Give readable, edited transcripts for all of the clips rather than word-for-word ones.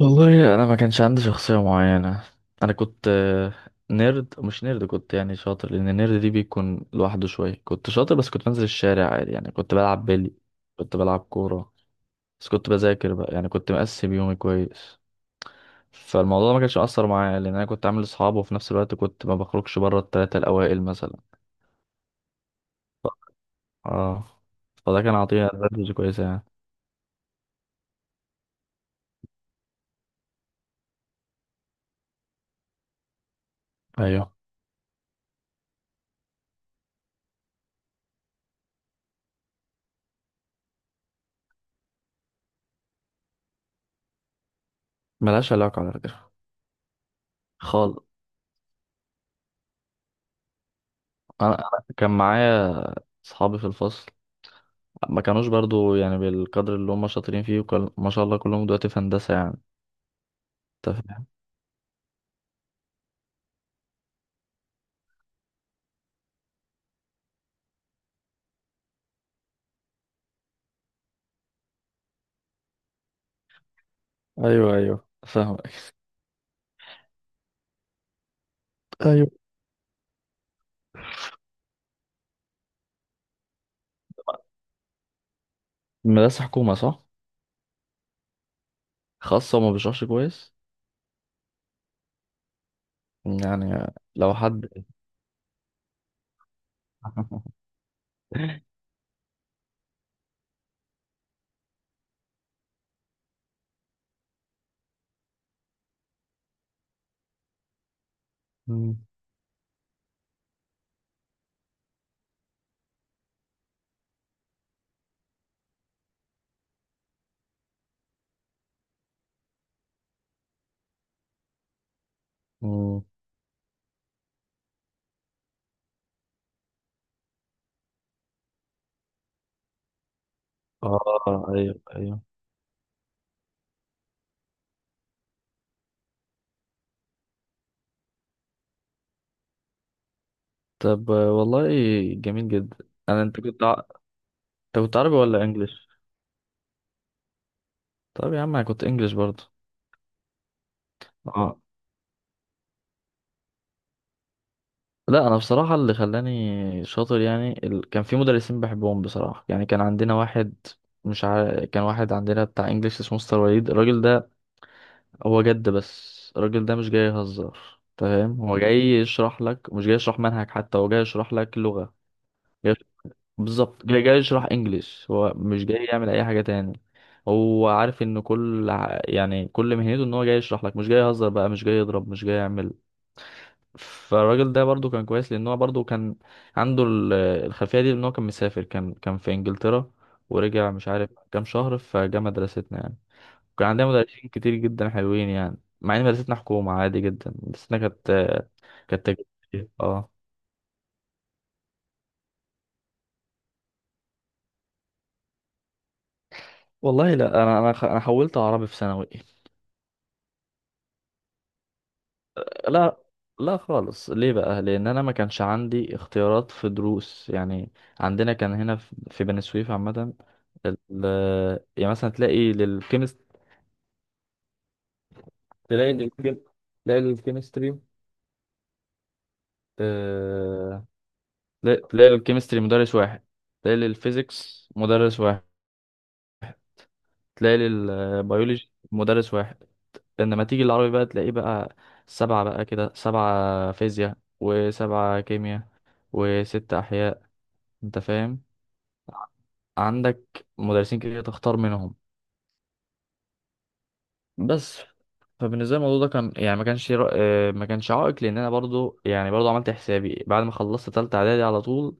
والله انا ما كانش عندي شخصيه معينه. انا كنت نيرد مش نيرد، كنت يعني شاطر لان النيرد دي بيكون لوحده شويه. كنت شاطر، بس كنت بنزل الشارع عادي يعني. كنت بلعب بلي، كنت بلعب كوره، بس كنت بذاكر بقى يعني. كنت مقسم يومي كويس. فالموضوع ما كانش مأثر معايا لان انا كنت عامل اصحاب، وفي نفس الوقت كنت ما بخرجش بره الثلاثه الاوائل مثلا. اه، فده كان عطيه ادفانتج كويسه يعني. ايوه، ملهاش علاقه على فكره. خالص. انا كان معايا اصحابي في الفصل، ما كانوش برضو يعني بالقدر اللي هم شاطرين فيه. وكل... ما شاء الله كلهم دلوقتي في هندسة يعني. انت فاهم. ايوه ايوه فاهمك. ايوه. مدرسة حكومة صح؟ خاصة، وما بيشرحش كويس. يعني لو حد مم. مم. اه ايوه ايوه. طب والله جميل جدا. انا انت كنت عربي ولا انجليش؟ طب يا عم انا كنت انجليش برضو. اه. لا انا بصراحه اللي خلاني شاطر يعني، ال... كان في مدرسين بحبهم بصراحه يعني. كان عندنا واحد، مش عارف، كان واحد عندنا بتاع انجليش اسمه مستر وليد. الراجل ده هو جد. بس الراجل ده مش جاي يهزر، تمام. هو جاي يشرح لك، مش جاي يشرح منهج حتى، هو جاي يشرح لك لغه. جاي... بالظبط، جاي يشرح انجليش، هو مش جاي يعمل اي حاجه تاني. هو عارف ان كل يعني كل مهنته ان هو جاي يشرح لك، مش جاي يهزر بقى، مش جاي يضرب، مش جاي يعمل. فالراجل ده برضو كان كويس لان هو برضو كان عنده الخلفيه دي ان هو كان مسافر، كان في انجلترا، ورجع مش عارف كام شهر فجه مدرستنا يعني. كان عندنا مدرسين كتير جدا حلوين يعني، مع ان مدرستنا حكومه عادي جدا. مدرستنا كانت كانت تجريبية. اه والله. لا انا حولت عربي في ثانوي. لا لا خالص. ليه بقى؟ لان انا ما كانش عندي اختيارات في دروس يعني. عندنا كان هنا في بني سويف عامه، يعني مثلا تلاقي للكيمستري، تلاقي الكيم... تلاقي الكيمستري، آه... تلاقي للكيمستري مدرس واحد، تلاقي للفيزيكس مدرس واحد، تلاقي للبيولوجي مدرس واحد. لما تيجي العربي بقى تلاقيه بقى سبعة بقى كده، سبعة فيزياء، وسبعة كيمياء، وست أحياء. أنت فاهم؟ عندك مدرسين كتير تختار منهم. بس، فبالنسبه لي الموضوع ده كان يعني ما كانش ما كانش عائق، لان انا برضو يعني برضو عملت حسابي بعد ما خلصت تالتة اعدادي على طول.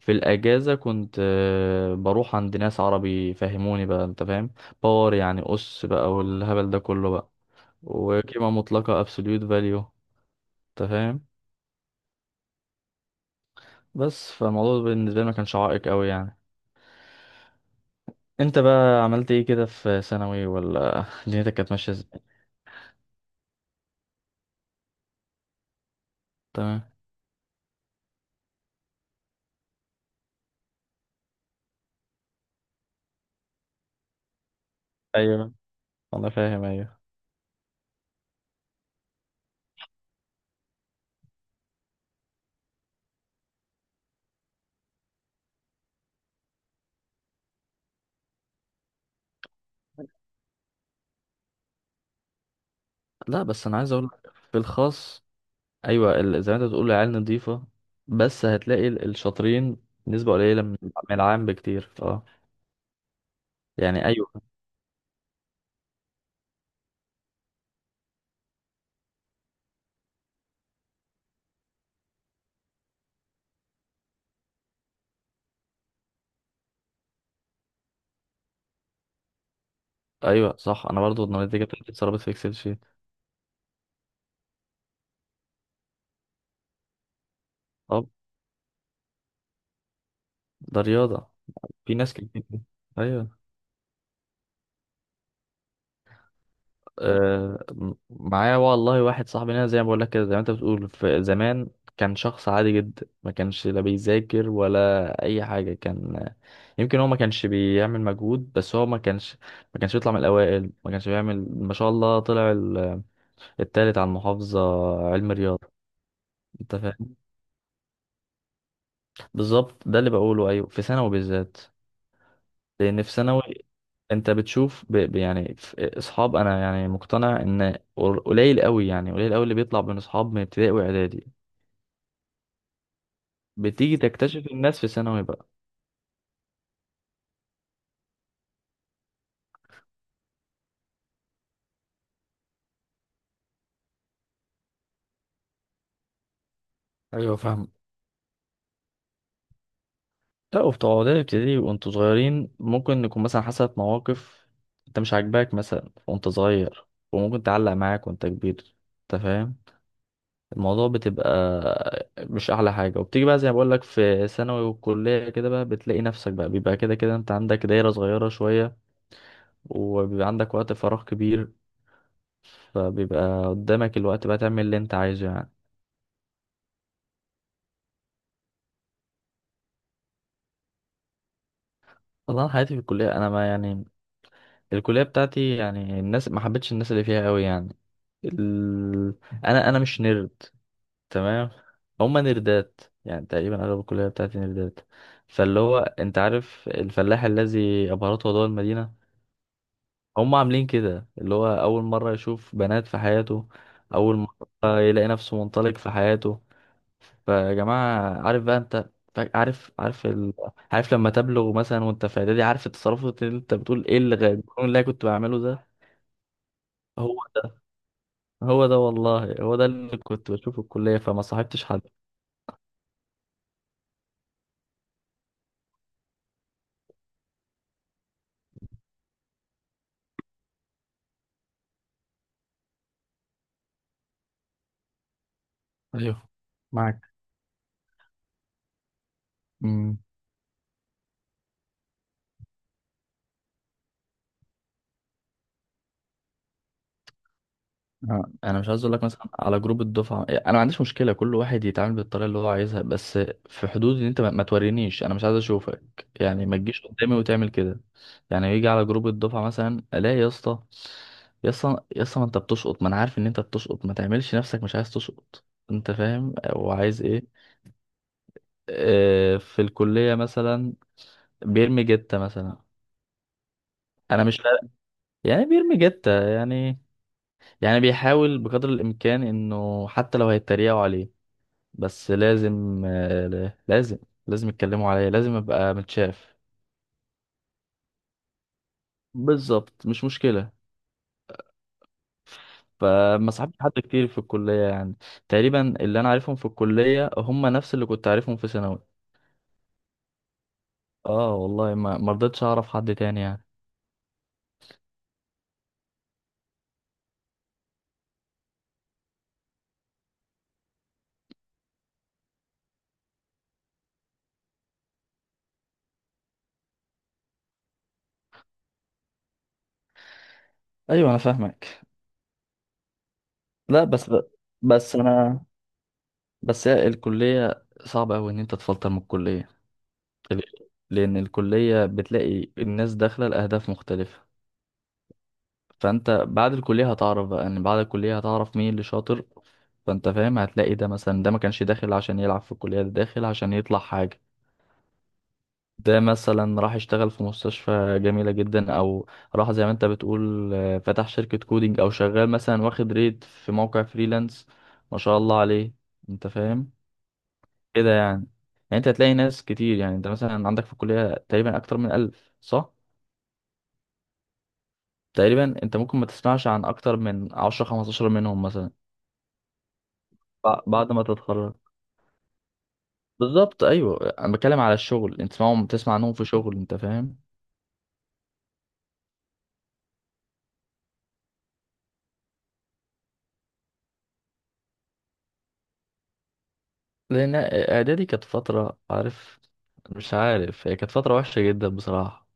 في الاجازه كنت بروح عند ناس عربي فهموني بقى، انت فاهم. باور يعني اس بقى والهبل ده كله بقى، وقيمه مطلقه absolute value. انت فاهم. بس فالموضوع بالنسبه لي ما كانش عائق قوي يعني. انت بقى عملت ايه كده في ثانوي، ولا دنيتك كانت ماشيه ازاي؟ تمام. ايوه انا فاهم. ايوه. لا بس انا عايز اقول لك، في الخاص ايوه، زي ما انت بتقول العيال نظيفه، بس هتلاقي الشاطرين نسبه قليله من العام بكتير. اه، يعني ايوه. ايوه صح، انا برضو النتيجه بتاعتي اتسربت في اكسل شيت. اه. ده رياضه. في ناس كتير. ايوه. معايا والله واحد صاحبي هنا زي ما بقول لك كده، زي ما انت بتقول في زمان. كان شخص عادي جدا، ما كانش لا بيذاكر ولا اي حاجه. كان يمكن هو ما كانش بيعمل مجهود، بس هو ما كانش بيطلع من الاوائل. ما كانش بيعمل، ما شاء الله طلع التالت على المحافظة. علم رياضة. انت فاهم. بالظبط، ده اللي بقوله. ايوه في ثانوي بالذات، لان في ثانوي انت بتشوف يعني في اصحاب، انا يعني مقتنع ان قليل قوي، يعني قليل قوي اللي بيطلع من اصحاب من ابتدائي واعدادي. بتيجي تكتشف الناس في ثانوي بقى. ايوه فاهم. لا، وبتوع اعدادي ابتدائي وانتوا صغيرين، ممكن يكون مثلا حصلت مواقف انت مش عاجباك مثلا وانت صغير، وممكن تعلق معاك وانت كبير. انت فاهم. الموضوع بتبقى مش احلى حاجه. وبتيجي بقى زي ما بقول لك في ثانوي والكليه كده بقى، بتلاقي نفسك بقى بيبقى كده كده انت عندك دايره صغيره شويه، وبيبقى عندك وقت فراغ كبير، فبيبقى قدامك الوقت بقى تعمل اللي انت عايزه يعني. والله، أنا حياتي في الكليه انا ما يعني، الكليه بتاعتي يعني الناس ما حبيتش الناس اللي فيها قوي يعني. ال... انا مش نيرد، تمام. هما نيردات يعني، تقريبا اغلب الكليه بتاعتي نيردات. فاللي هو انت عارف الفلاح الذي ابهرته ضوء المدينه. هم عاملين كده اللي هو أول مرة يشوف بنات في حياته، أول مرة يلاقي نفسه منطلق في حياته. فيا جماعة عارف بقى، أنت عارف، عارف لما تبلغ مثلا وأنت في إعدادي، عارف التصرفات اللي أنت بتقول إيه اللي غير اللي أنا كنت بعمله ده. هو ده، هو ده والله، هو ده اللي كنت بشوفه في الكلية، فما صاحبتش حد. ايوه معاك. انا مش عايز اقول لك مثلا على جروب الدفعه، انا ما عنديش مشكله كل واحد يتعامل بالطريقه اللي هو عايزها، بس في حدود ان انت ما تورينيش. انا مش عايز اشوفك يعني، ما تجيش قدامي وتعمل كده. يعني يجي على جروب الدفعه مثلا الاقي يا اسطى، يا اسطى، ما انت بتشقط، ما انا عارف ان انت بتشقط، ما تعملش نفسك مش عايز تشقط. انت فاهم وعايز ايه. في الكليه مثلا بيرمي جته مثلا. انا مش فارق- يعني بيرمي جته يعني، يعني بيحاول بقدر الامكان انه حتى لو هيتريقوا عليه، بس لازم لازم يتكلموا عليا، لازم ابقى متشاف. بالظبط، مش مشكلة. فما صاحبتش حد كتير في الكلية يعني. تقريبا اللي انا عارفهم في الكلية هم نفس اللي كنت عارفهم في ثانوي. اه والله ما رضيتش اعرف حد تاني يعني. ايوه انا فاهمك. لا بس بس انا بس هي الكلية صعبة اوي ان انت تفلتر من الكلية. ليه؟ لان الكلية بتلاقي الناس داخلة لاهداف مختلفة. فانت بعد الكليه هتعرف بقى، ان بعد الكليه هتعرف مين اللي شاطر. فانت فاهم هتلاقي ده مثلا ده ما كانش داخل عشان يلعب في الكليه، ده داخل عشان يطلع حاجه. ده مثلا راح يشتغل في مستشفى جميله جدا، او راح زي ما انت بتقول فتح شركه كودينج، او شغال مثلا واخد ريت في موقع فريلانس، ما شاء الله عليه. انت فاهم. كده يعني. يعني انت هتلاقي ناس كتير. يعني انت مثلا عندك في الكليه تقريبا اكتر من 1000 صح؟ تقريبا انت ممكن ما تسمعش عن اكتر من 10 15 منهم مثلا. بعد ما تتخرج. بالظبط، ايوه. انا بتكلم على الشغل، انت تسمعهم، تسمع عنهم في شغل. انت فاهم. لان اعدادي كانت فتره عارف، مش عارف، هي كانت فتره وحشه جدا بصراحه.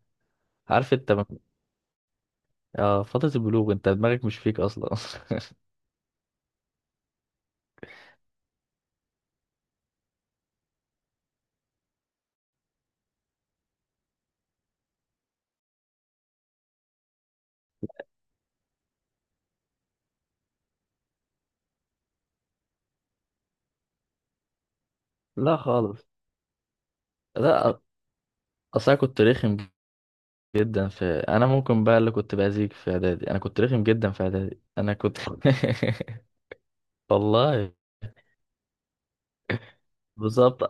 عارف انت آه فتره البلوغ انت دماغك مش فيك اصلا لا خالص. لا اصل انا كنت رخم جدا في، انا ممكن بقى اللي كنت باذيك في اعدادي، انا كنت رخم جدا في اعدادي. انا كنت والله. بالظبط.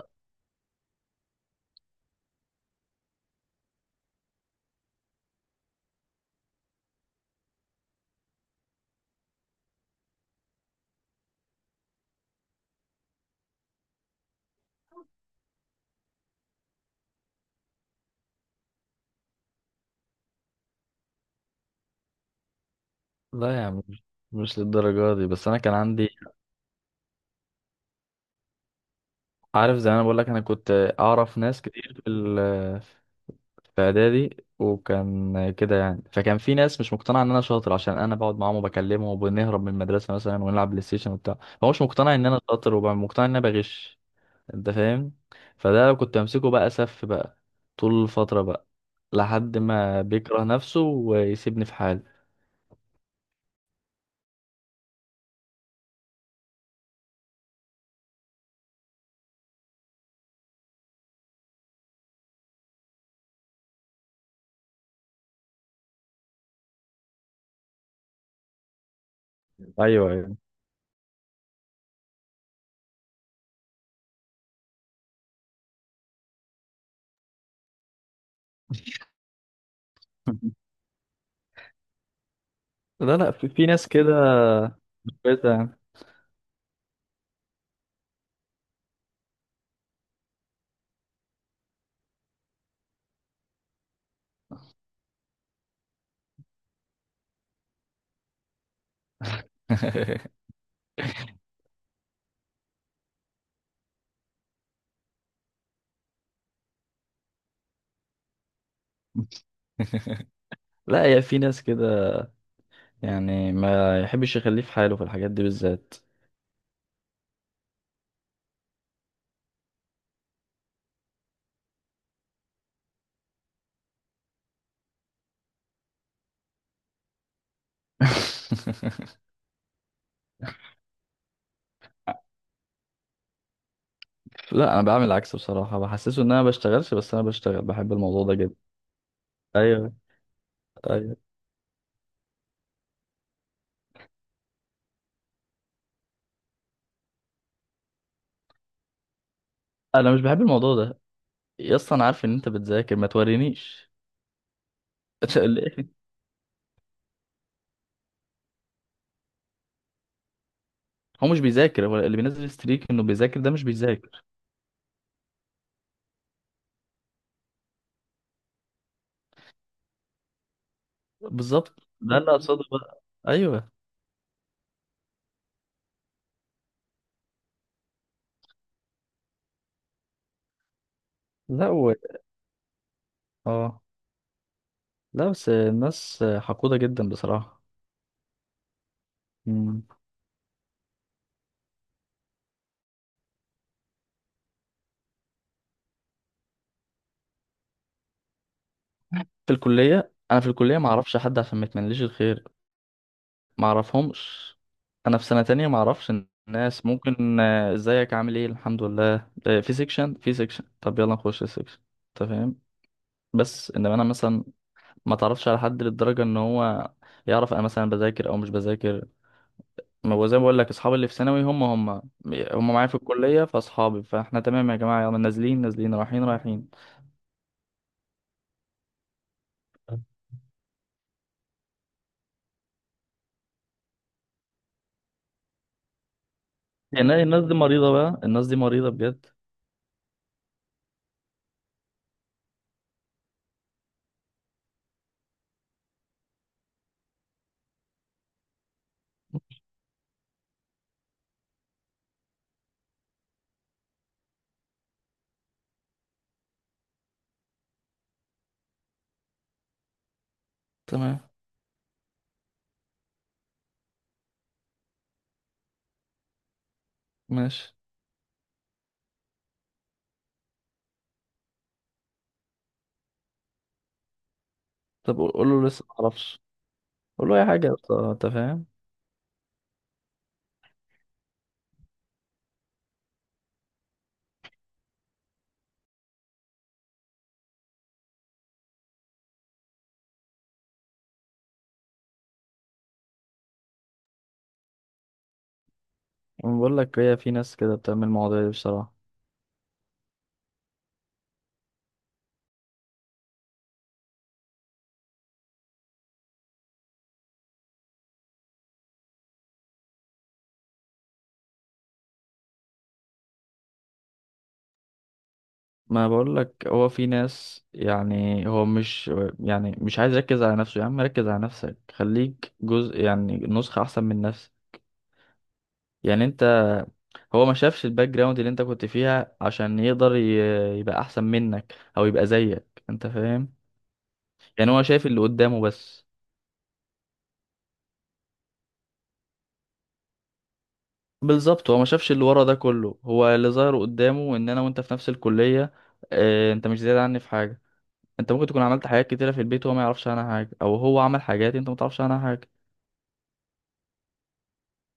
لا يا عم مش للدرجه دي، بس انا كان عندي، عارف زي ما انا بقول لك انا كنت اعرف ناس كتير في في اعدادي وكان كده يعني، فكان في ناس مش مقتنعه ان انا شاطر عشان انا بقعد معاهم وبكلمهم، وبنهرب من المدرسه مثلا ونلعب بلاي ستيشن وبتاع. هو مش مقتنع ان انا شاطر، ومقتنع ان انا بغش. انت فاهم. فده لو كنت امسكه بقى سف بقى، طول الفتره بقى لحد ما بيكره نفسه ويسيبني في حالي. ايوه ايوه لا لا، في ناس كده مش كويسه يعني. لا هي في ناس كده يعني، ما يحبش يخليه في حاله في الحاجات دي بالذات. لا انا بعمل العكس بصراحه، بحسسه ان انا ما بشتغلش بس انا بشتغل، بحب الموضوع ده جدا. ايوه ايوه. انا مش بحب الموضوع ده. يا اسطى انا عارف ان انت بتذاكر، ما تورينيش. ليه؟ هو مش بيذاكر، هو اللي بينزل ستريك انه بيذاكر ده مش بيذاكر. بالظبط، ده اللي اقصده بقى. ايوه. لا و... اه لا بس الناس حقودة جدا بصراحة. مم. في الكلية، انا في الكلية ما اعرفش حد عشان ما يتمنليش الخير. ما اعرفهمش. انا في سنة تانية ما اعرفش. الناس ممكن ازيك، عامل ايه، الحمد لله، في سيكشن، طب يلا نخش السيكشن. انت فاهم. بس انما انا مثلا ما تعرفش على حد للدرجة ان هو يعرف انا مثلا بذاكر او مش بذاكر. ما هو زي ما بقول لك اصحابي اللي في ثانوي هم معايا في الكلية، فاصحابي فاحنا تمام. يا جماعة يلا نازلين نازلين رايحين رايحين. يعني الناس دي مريضة بقى، الناس دي مريضة بجد. تمام. ماشي. طب قول له لسه ما اعرفش. قول له اي حاجة يا اسطى، انت فاهم. أنا بقول لك هي في ناس كده بتعمل المواضيع دي بصراحة. ما بقول لك هو في ناس يعني هو مش يعني، مش عايز يركز على نفسه. يا عم ركز على نفسك، خليك جزء يعني نسخة أحسن من نفسك. يعني أنت، هو ما شافش الباك جراوند اللي أنت كنت فيها عشان يقدر يبقى أحسن منك أو يبقى زيك. أنت فاهم. يعني هو شايف اللي قدامه بس. بالظبط هو ما شافش اللي ورا ده كله، هو اللي ظاهر قدامه إن أنا وأنت في نفس الكلية. أنت مش زيادة عني في حاجة. انت ممكن تكون عملت حاجات كتيرة في البيت وهو ما يعرفش عنها حاجة، او هو عمل حاجات انت ما تعرفش عنها حاجة.